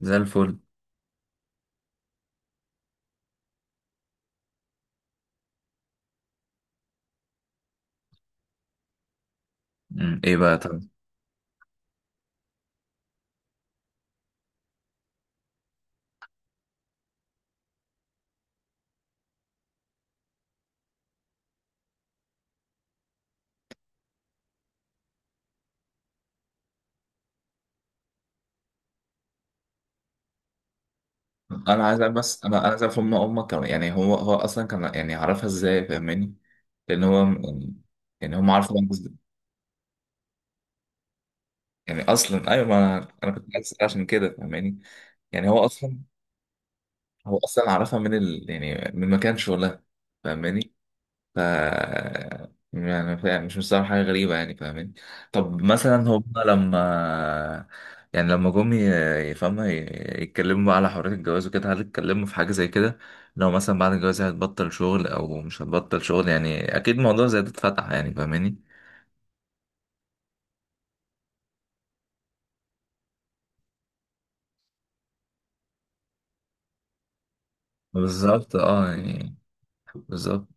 زي الفل. مم. ايه بقى طب؟ انا عايز افهم امك كمان، يعني هو اصلا كان يعني عرفها ازاي، فاهماني؟ لان هو يعني هم عارفوا، يعني اصلا، ايوه، ما انا كنت عايز أسأل عشان كده، فاهماني؟ يعني هو اصلا عرفها من ال يعني من مكان شغلها، فاهماني. ف يعني مش مستوعب حاجة غريبة، يعني فاهمين. طب مثلا هم لما، يعني لما جم ي- يفهموا ي- يتكلموا بقى على حرية الجواز وكده، هل اتكلموا في حاجة زي كده؟ لو مثلا بعد الجواز هتبطل شغل أو مش هتبطل شغل، يعني أكيد موضوع زي ده اتفتح، يعني فاهماني. بالظبط، اه يعني. بالظبط.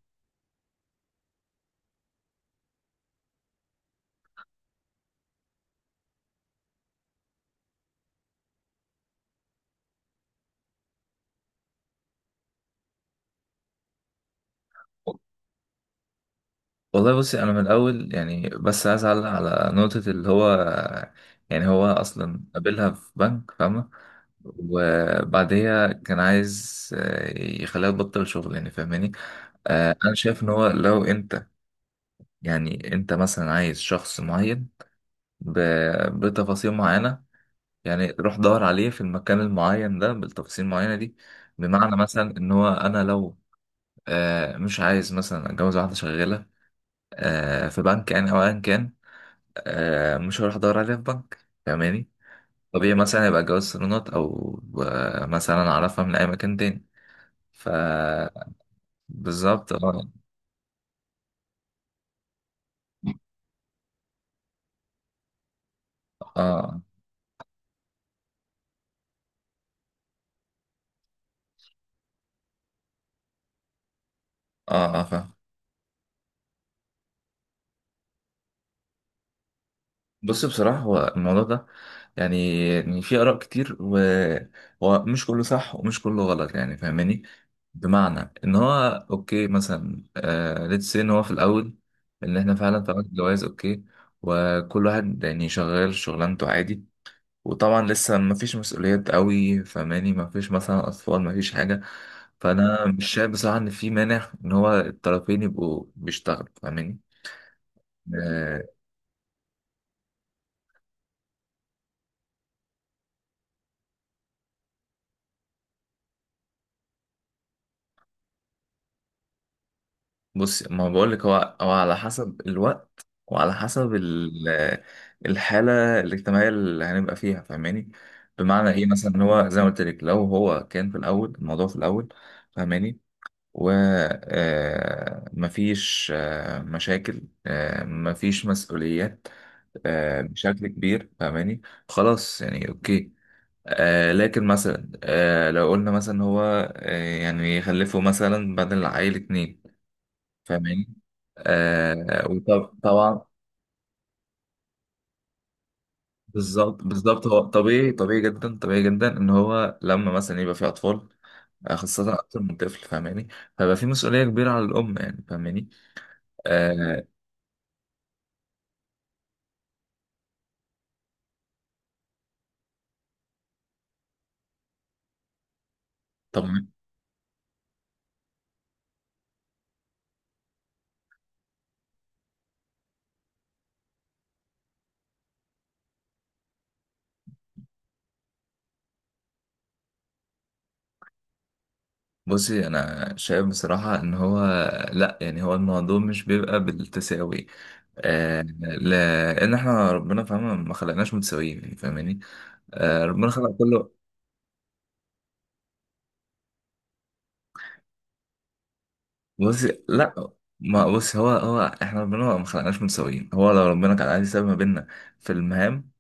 والله بصي، انا من الاول، يعني بس عايز اعلق على نقطه، اللي هو يعني هو اصلا قابلها في بنك، فاهمه. وبعديها كان عايز، يخليها تبطل شغل، يعني فاهماني. انا شايف ان هو، لو انت يعني انت مثلا عايز شخص معين بتفاصيل معينة، يعني روح دور عليه في المكان المعين ده بالتفاصيل المعينة دي. بمعنى مثلا ان هو، انا لو مش عايز مثلا اتجوز واحدة شغالة في بنك يعني، او ايا كان، مش هروح ادور عليها في بنك، فاهماني. طبيعي مثلا يبقى جواز صالونات، او مثلا اعرفها من اي مكان تاني. ف، بالظبط اه. اه. اه اه فاهم. بص، بصراحة هو الموضوع ده، يعني في آراء كتير، وهو مش كله صح ومش كله غلط، يعني فاهماني. بمعنى إن هو، أوكي مثلا، آه، ليتس إن هو في الأول، إن إحنا فعلا طلعنا جواز، أوكي، وكل واحد يعني شغال شغلانته عادي. وطبعا لسه مفيش مسؤوليات قوي، فاهماني، مفيش مثلا أطفال، مفيش حاجة. فأنا مش شايف بصراحة إن في مانع إن هو الطرفين يبقوا بيشتغلوا، فاهماني. آه، بص، ما بقول لك، هو على حسب الوقت، وعلى حسب الحالة الاجتماعية اللي هنبقى فيها، فاهماني. بمعنى ايه مثلا، إن هو زي ما قلت لك، لو هو كان في الاول الموضوع في الاول، فاهماني، و مفيش مشاكل، مفيش مسؤوليات بشكل كبير، فاهماني. خلاص، يعني اوكي. آه، لكن مثلا، آه لو قلنا مثلا هو، آه، يعني يخلفوا مثلا بدل العيل اتنين، فاهماني، آه، وطبعا. بالظبط بالظبط. هو طبيعي، طبيعي جدا، طبيعي جدا ان هو لما مثلا يبقى في اطفال، خاصة اكتر من طفل، فاهماني. فبقى في مسؤولية كبيرة على الام، يعني فاهماني. آه. طبعا. بصي، انا شايف بصراحة ان هو، لا يعني هو الموضوع مش بيبقى بالتساوي. آه، لان احنا ربنا، فاهمة، ما خلقناش متساويين، يعني فاهماني. آه، ربنا خلق كل. بص، لا. ما بص، هو احنا ربنا ما خلقناش متساويين، هو لو ربنا كان عايز يساوي ما بيننا في المهام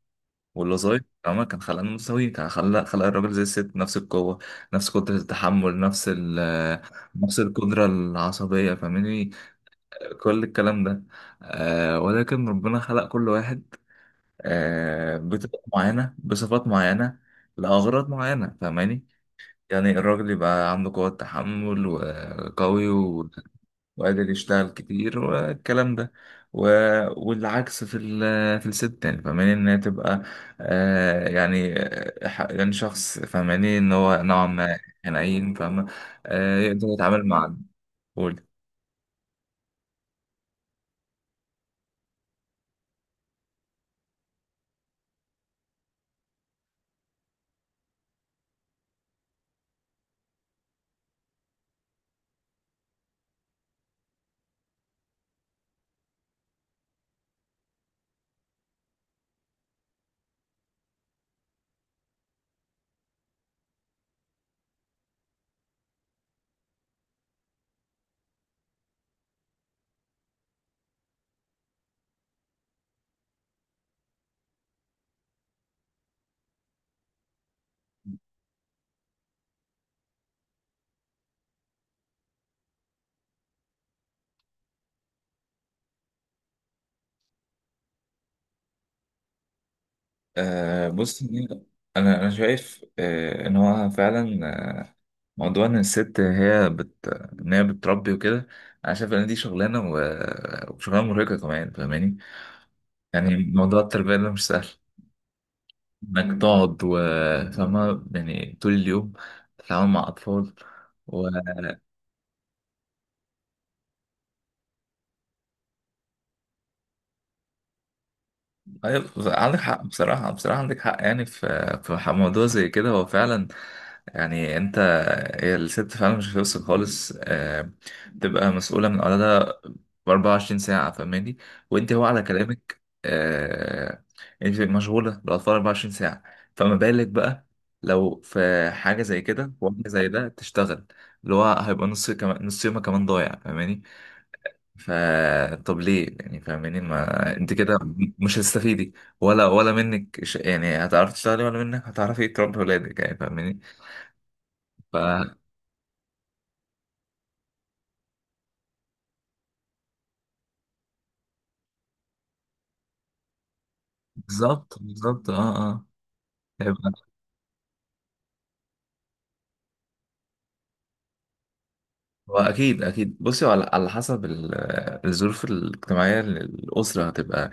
والوظائف، عمر كان خلقنا متساويين. كان خلق الراجل زي الست، نفس القوة، نفس قدرة التحمل، نفس ال، نفس القدرة العصبية، فاهمني، كل الكلام ده. آه، ولكن ربنا خلق كل واحد آه بطريقة معينة، بصفات معينة، لأغراض معينة، فاهماني. يعني الراجل يبقى عنده قوة تحمل، وقوي، وقادر يشتغل كتير والكلام ده، و، والعكس في ال، في الست، يعني فاهماني، ان هي تبقى آه، يعني، يعني شخص، فاهماني، ان هو نوعا ما حنين، فاهمة، آه، يقدر يتعامل مع. قول. آه بص، انا شايف آه ان هو فعلا، موضوع ان الست هي بت، ان هي بتربي وكده، انا شايف ان دي شغلانه، و... وشغلانه مرهقه كمان، فاهماني. يعني موضوع التربيه ده مش سهل، انك تقعد و، فاهمة، يعني طول اليوم تتعامل مع اطفال و. أيوة، عندك حق. بصراحة، بصراحة عندك حق يعني، في موضوع زي كده، هو فعلا، يعني انت، هي الست فعلا مش هتوصل خالص، تبقى مسؤولة من أولادها 24 ساعة، فاهماني. وانت، هو على كلامك آه، انت بتبقى مشغولة بالأطفال 24 ساعة. فما بالك بقى لو في حاجة زي كده، وحاجة زي ده تشتغل؟ اللي هو هيبقى نص كمان، نص يومك كمان ضايع، فاهماني. ف، طب ليه يعني، فاهماني، ما انت كده مش هتستفيدي، ولا منك ش، يعني هتعرفي تشتغلي، ولا منك هتعرفي تربي ولادك، يعني فاهماني. ف، بالظبط بالظبط، اه اه. هو اكيد اكيد. بصي، هو على حسب الظروف الاجتماعيه اللي الاسره هتبقى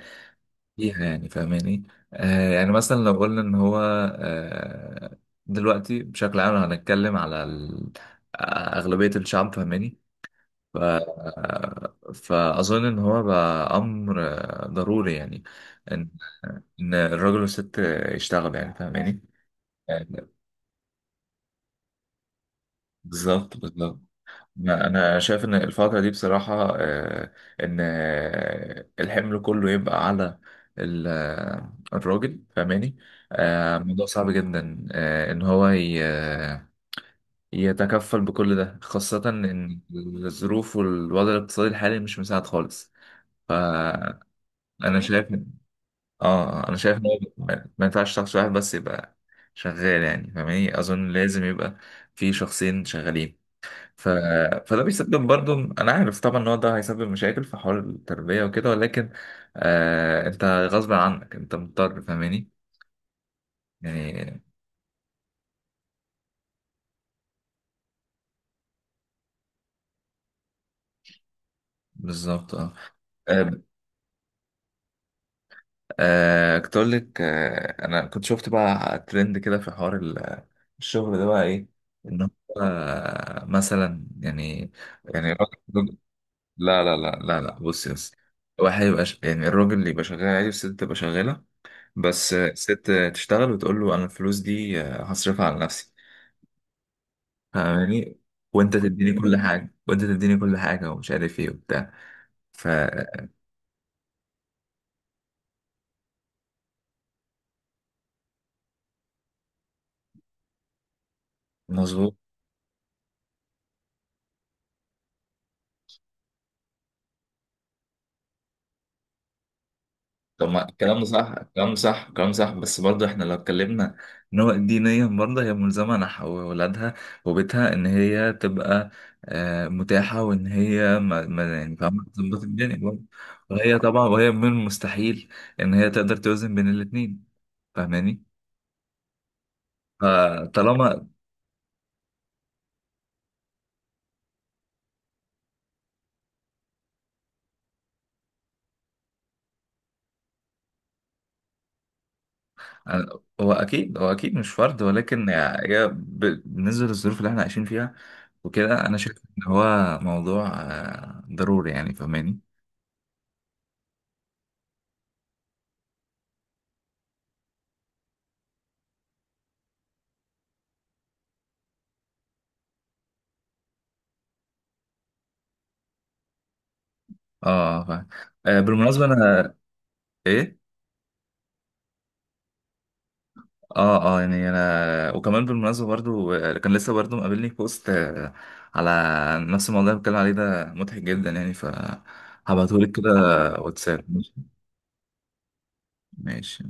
فيها، يعني فاهماني. آه، يعني مثلا لو قلنا ان هو آه، دلوقتي بشكل عام لو هنتكلم على اغلبيه الشعب، فاهماني. ف فاظن ان هو بقى امر ضروري يعني، ان، إن الراجل والست يشتغلوا، يعني فاهماني. آه، بالظبط بالظبط. ما انا شايف ان الفتره دي بصراحه، ان الحمل كله يبقى على الراجل، فاهماني. الموضوع صعب جدا، ان هو يتكفل بكل ده، خاصه ان الظروف والوضع الاقتصادي الحالي مش مساعد خالص. فانا شايف، اه انا شايف ان هو ما ينفعش شخص واحد بس يبقى شغال، يعني فاهماني. اظن لازم يبقى في شخصين شغالين. ف، فده بيسبب برضو، انا عارف طبعا ان هو ده هيسبب مشاكل في حوار التربية وكده، ولكن آه، انت غصب عنك، انت مضطر، فاهماني يعني. بالظبط اه. آه، كنت اقول لك، انا كنت شفت بقى ترند كده في حوار الشغل ده بقى ايه، ان هو مثلا يعني، يعني الراجل، لا لا لا لا لا، بصي بس، واحد يبقى يعني الراجل اللي يبقى شغال عادي، والست تبقى شغالة، بس الست تشتغل وتقول له، انا الفلوس دي هصرفها على نفسي، فاهماني، وانت تديني كل حاجه، وانت تديني كل حاجه، ومش عارف ايه وبتاع. فمظبوط. طب، ما الكلام ده صح، الكلام ده صح، الكلام ده صح، بس برضه احنا لو اتكلمنا، ان هو دينيا برضه هي ملزمه نحو ولادها وبيتها، ان هي تبقى متاحه، وان هي يعني فاهمه، تظبط الدنيا برضه. وهي طبعا، وهي من المستحيل ان هي تقدر توزن بين الاثنين، فاهماني. فطالما، هو اكيد، هو اكيد مش فرض، ولكن بالنسبه للظروف اللي احنا عايشين فيها وكده، انا شايف ان هو موضوع ضروري يعني، فاهماني. اه فاهم. بالمناسبه انا. ايه. اه اه، يعني انا، وكمان بالمناسبه برضو كان لسه برضو مقابلني بوست، على نفس الموضوع اللي بتكلم عليه ده، مضحك جدا، يعني ف هبعتهولك كده. واتساب، ماشي. ماشي.